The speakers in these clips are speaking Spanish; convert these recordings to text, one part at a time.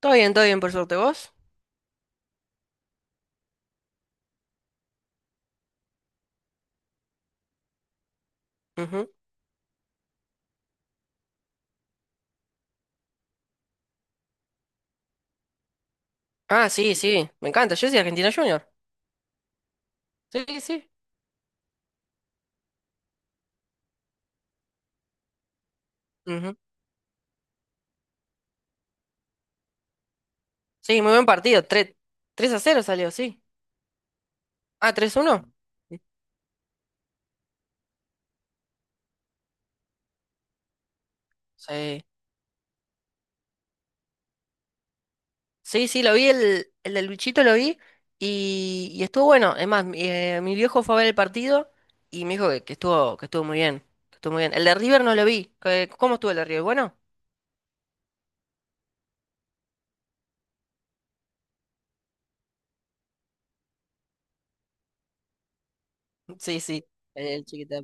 Todo bien, por suerte. ¿Vos? Ujú. Ah, sí, sí. Me encanta. Yo soy Argentina Junior. Sí, sí. Ujú. Sí, muy buen partido. 3 3 a cero salió, sí. Ah, tres uno. Sí. Sí, sí, lo vi, el de Luchito lo vi y estuvo bueno. Es más, mi, mi viejo fue a ver el partido y me dijo que estuvo muy bien. Que estuvo muy bien. El de River no lo vi. ¿Cómo estuvo el de River? Bueno. Sí, sí. El chiquito.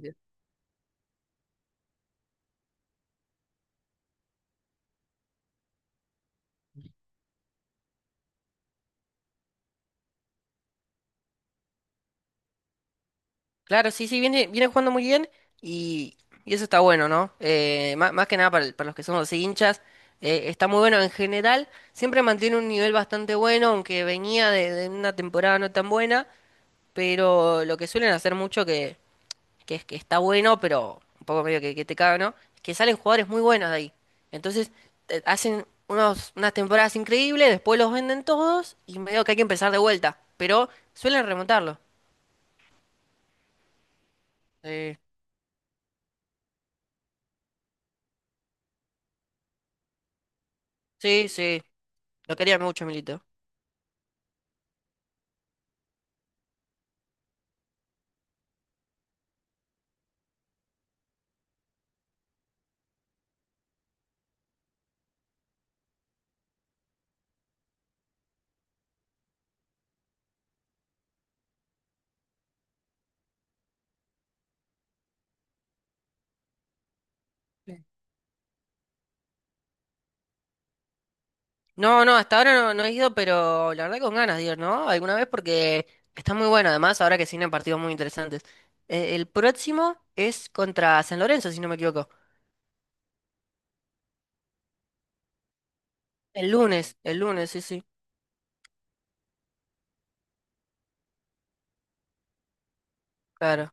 Claro, sí, sí, viene, viene jugando muy bien y, y eso está bueno, ¿no? Más que nada para, para los que somos así hinchas, está muy bueno en general, siempre mantiene un nivel bastante bueno, aunque venía de una temporada no tan buena, pero lo que suelen hacer mucho que es que está bueno, pero un poco medio que te caga, ¿no? Es que salen jugadores muy buenos de ahí. Entonces, hacen unos, unas temporadas increíbles, después los venden todos y medio que hay que empezar de vuelta, pero suelen remontarlo. Sí, sí, sí. Lo quería mucho, Milito. Sí. No, no, hasta ahora no, no he ido, pero la verdad con ganas de ir, ¿no? Alguna vez porque está muy bueno, además, ahora que se vienen partidos muy interesantes. El próximo es contra San Lorenzo, si no me equivoco. El lunes, sí, sí, claro.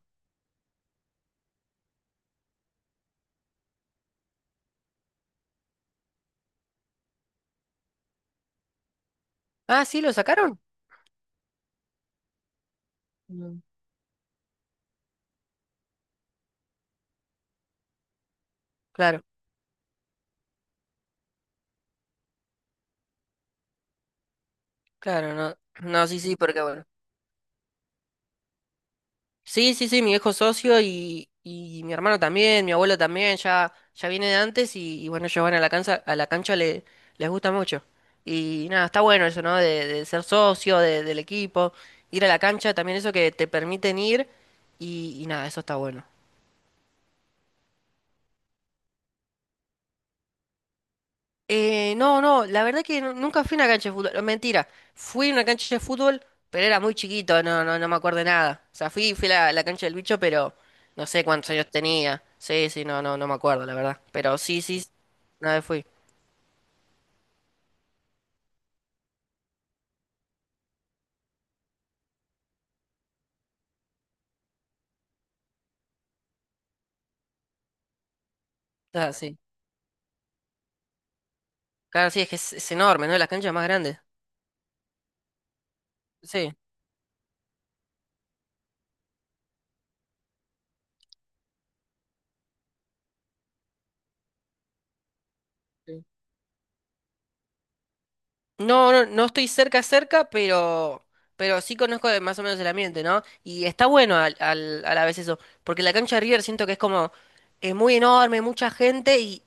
Ah, sí, ¿lo sacaron? Mm. Claro, claro, no. No, sí, sí, porque bueno. Sí, sí, sí, mi viejo socio y mi hermano también, mi abuelo también, ya, ya viene de antes y bueno, ellos van a la cancha le, les gusta mucho. Y nada, está bueno eso, ¿no? De ser socio del equipo, ir a la cancha, también eso que te permiten ir y nada, eso está bueno. No, no, la verdad que nunca fui a una cancha de fútbol. Mentira, fui a una cancha de fútbol, pero era muy chiquito, no, no, no me acuerdo de nada. O sea, fui, fui a la, la cancha del bicho, pero no sé cuántos años tenía. Sí, sí, no, no, no me acuerdo, la verdad. Pero sí, sí, una vez fui. Ah, sí. Claro, sí, es que es enorme, ¿no? Las canchas más grandes. Sí. No, no, no estoy cerca, cerca, pero sí conozco más o menos el ambiente, ¿no? Y está bueno al, a la vez eso, porque la cancha de River siento que es como, es muy enorme, mucha gente y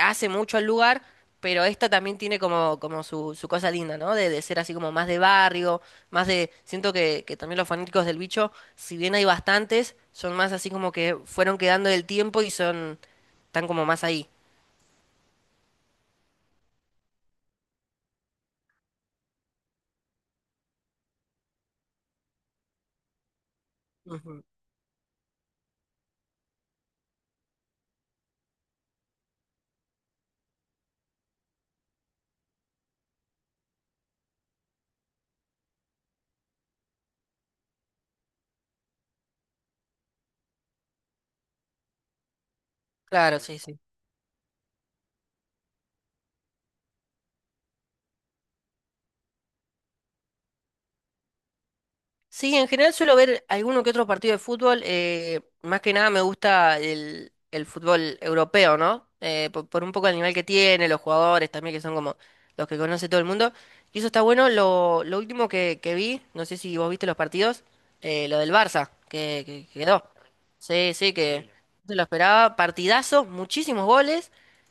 hace mucho al lugar, pero esta también tiene como, como su cosa linda, ¿no? De ser así como más de barrio, más de, siento que también los fanáticos del bicho, si bien hay bastantes, son más así como que fueron quedando del tiempo y son, están como más ahí. Ujú. Claro, sí, sí. Sí, en general suelo ver alguno que otro partido de fútbol. Más que nada me gusta el fútbol europeo, ¿no? Por un poco el nivel que tiene, los jugadores también, que son como los que conoce todo el mundo. Y eso está bueno. Lo último que vi, no sé si vos viste los partidos, lo del Barça, que, que quedó. Sí, sí, que Sí. No se lo esperaba. Partidazo, muchísimos goles.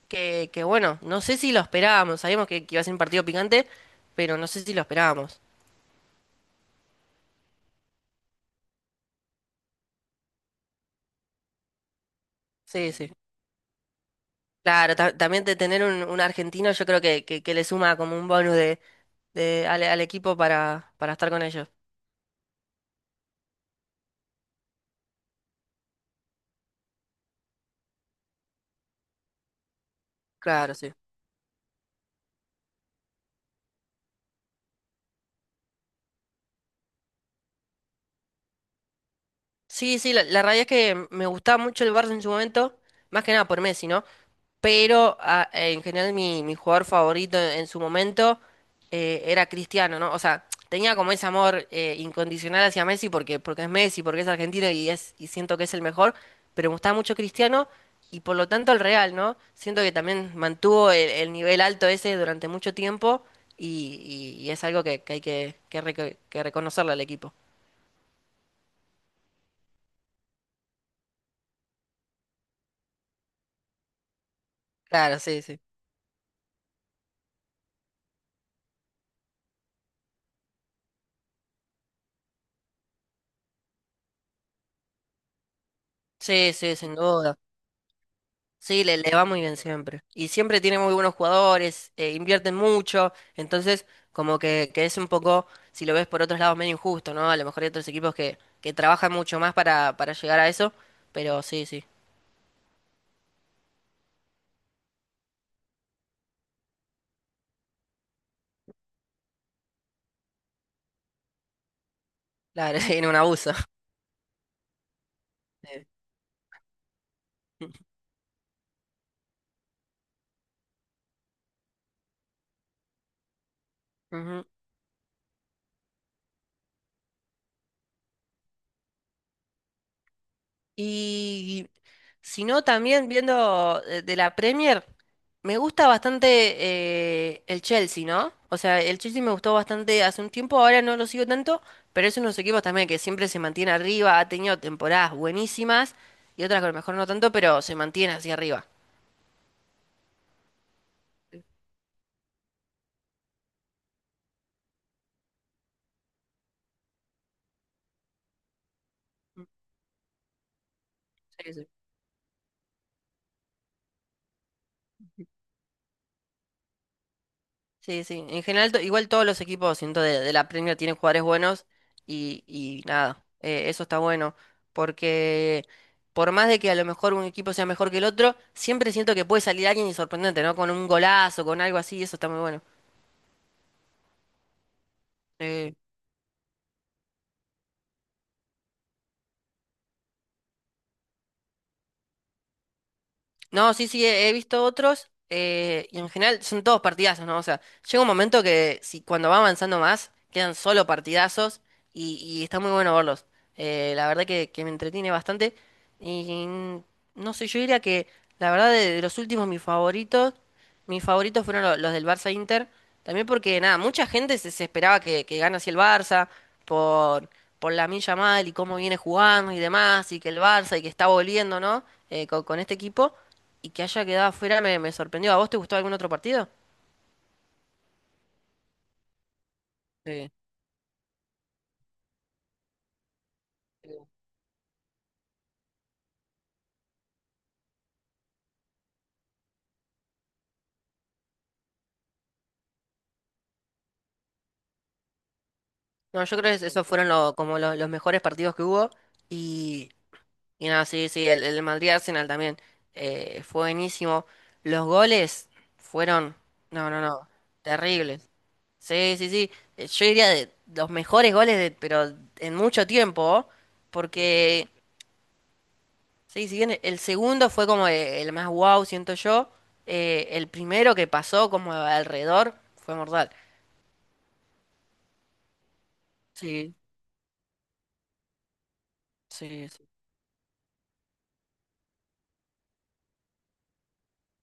Que bueno, no sé si lo esperábamos. Sabíamos que iba a ser un partido picante, pero no sé si lo esperábamos. Sí, sí. Claro, también de tener un argentino yo creo que le suma como un bonus de, al, al equipo para estar con ellos. Claro, sí. Sí, sí, la realidad es que me gustaba mucho el Barça en su momento, más que nada por Messi, ¿no? Pero en general mi, mi jugador favorito en su momento era Cristiano, ¿no? O sea, tenía como ese amor incondicional hacia Messi porque, porque es Messi, porque es argentino y, es, y siento que es el mejor, pero me gustaba mucho Cristiano y por lo tanto el Real, ¿no? Siento que también mantuvo el nivel alto ese durante mucho tiempo y, y es algo que hay que, que reconocerle al equipo. Claro, sí, sí. Sí, sí, sin duda. Sí, le va muy bien siempre. Y siempre tiene muy buenos jugadores, invierten mucho, entonces como que es un poco, si lo ves por otros lados, medio injusto, ¿no? A lo mejor hay otros equipos que trabajan mucho más para llegar a eso, pero sí, sí, claro, tiene un abuso. Sí. Ujú. Y si no, también viendo de la Premier, me gusta bastante el Chelsea, ¿no? O sea, el Chelsea me gustó bastante hace un tiempo, ahora no lo sigo tanto, pero es uno de los equipos también que siempre se mantiene arriba, ha tenido temporadas buenísimas y otras que a lo mejor no tanto, pero se mantiene hacia arriba. Mm, sí, sí. Sí, sí. En general, igual todos los equipos, siento, de la Premier tienen jugadores buenos y nada, eso está bueno. Porque por más de que a lo mejor un equipo sea mejor que el otro, siempre siento que puede salir alguien y sorprendente, ¿no? Con un golazo, con algo así, eso está muy bueno. Eh, No, sí, sí, he visto otros y en general son todos partidazos, ¿no? O sea, llega un momento que si cuando va avanzando más quedan solo partidazos y está muy bueno verlos. La verdad que me entretiene bastante y no sé, yo diría que la verdad de los últimos mis favoritos fueron los, del Barça Inter, también porque nada, mucha gente se, se esperaba que gane así el Barça por, por Lamine Yamal y cómo viene jugando y demás y que el Barça y que está volviendo, ¿no? Con este equipo. Y que haya quedado afuera me, me sorprendió. ¿A vos te gustó algún otro partido? Sí. No, yo creo que esos fueron como los mejores partidos que hubo. Y, y nada, sí, sí, el Madrid-Arsenal también fue buenísimo. Los goles fueron, no, no, no, terribles. Sí, sí, sí. Yo diría de los mejores goles, de, pero en mucho tiempo. Porque, sí, si bien el segundo fue como el más wow, siento yo, el primero que pasó como alrededor fue mortal. Sí, sí, sí.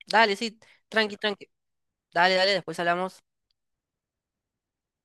Dale, sí, tranqui, tranqui. Dale, dale, después hablamos.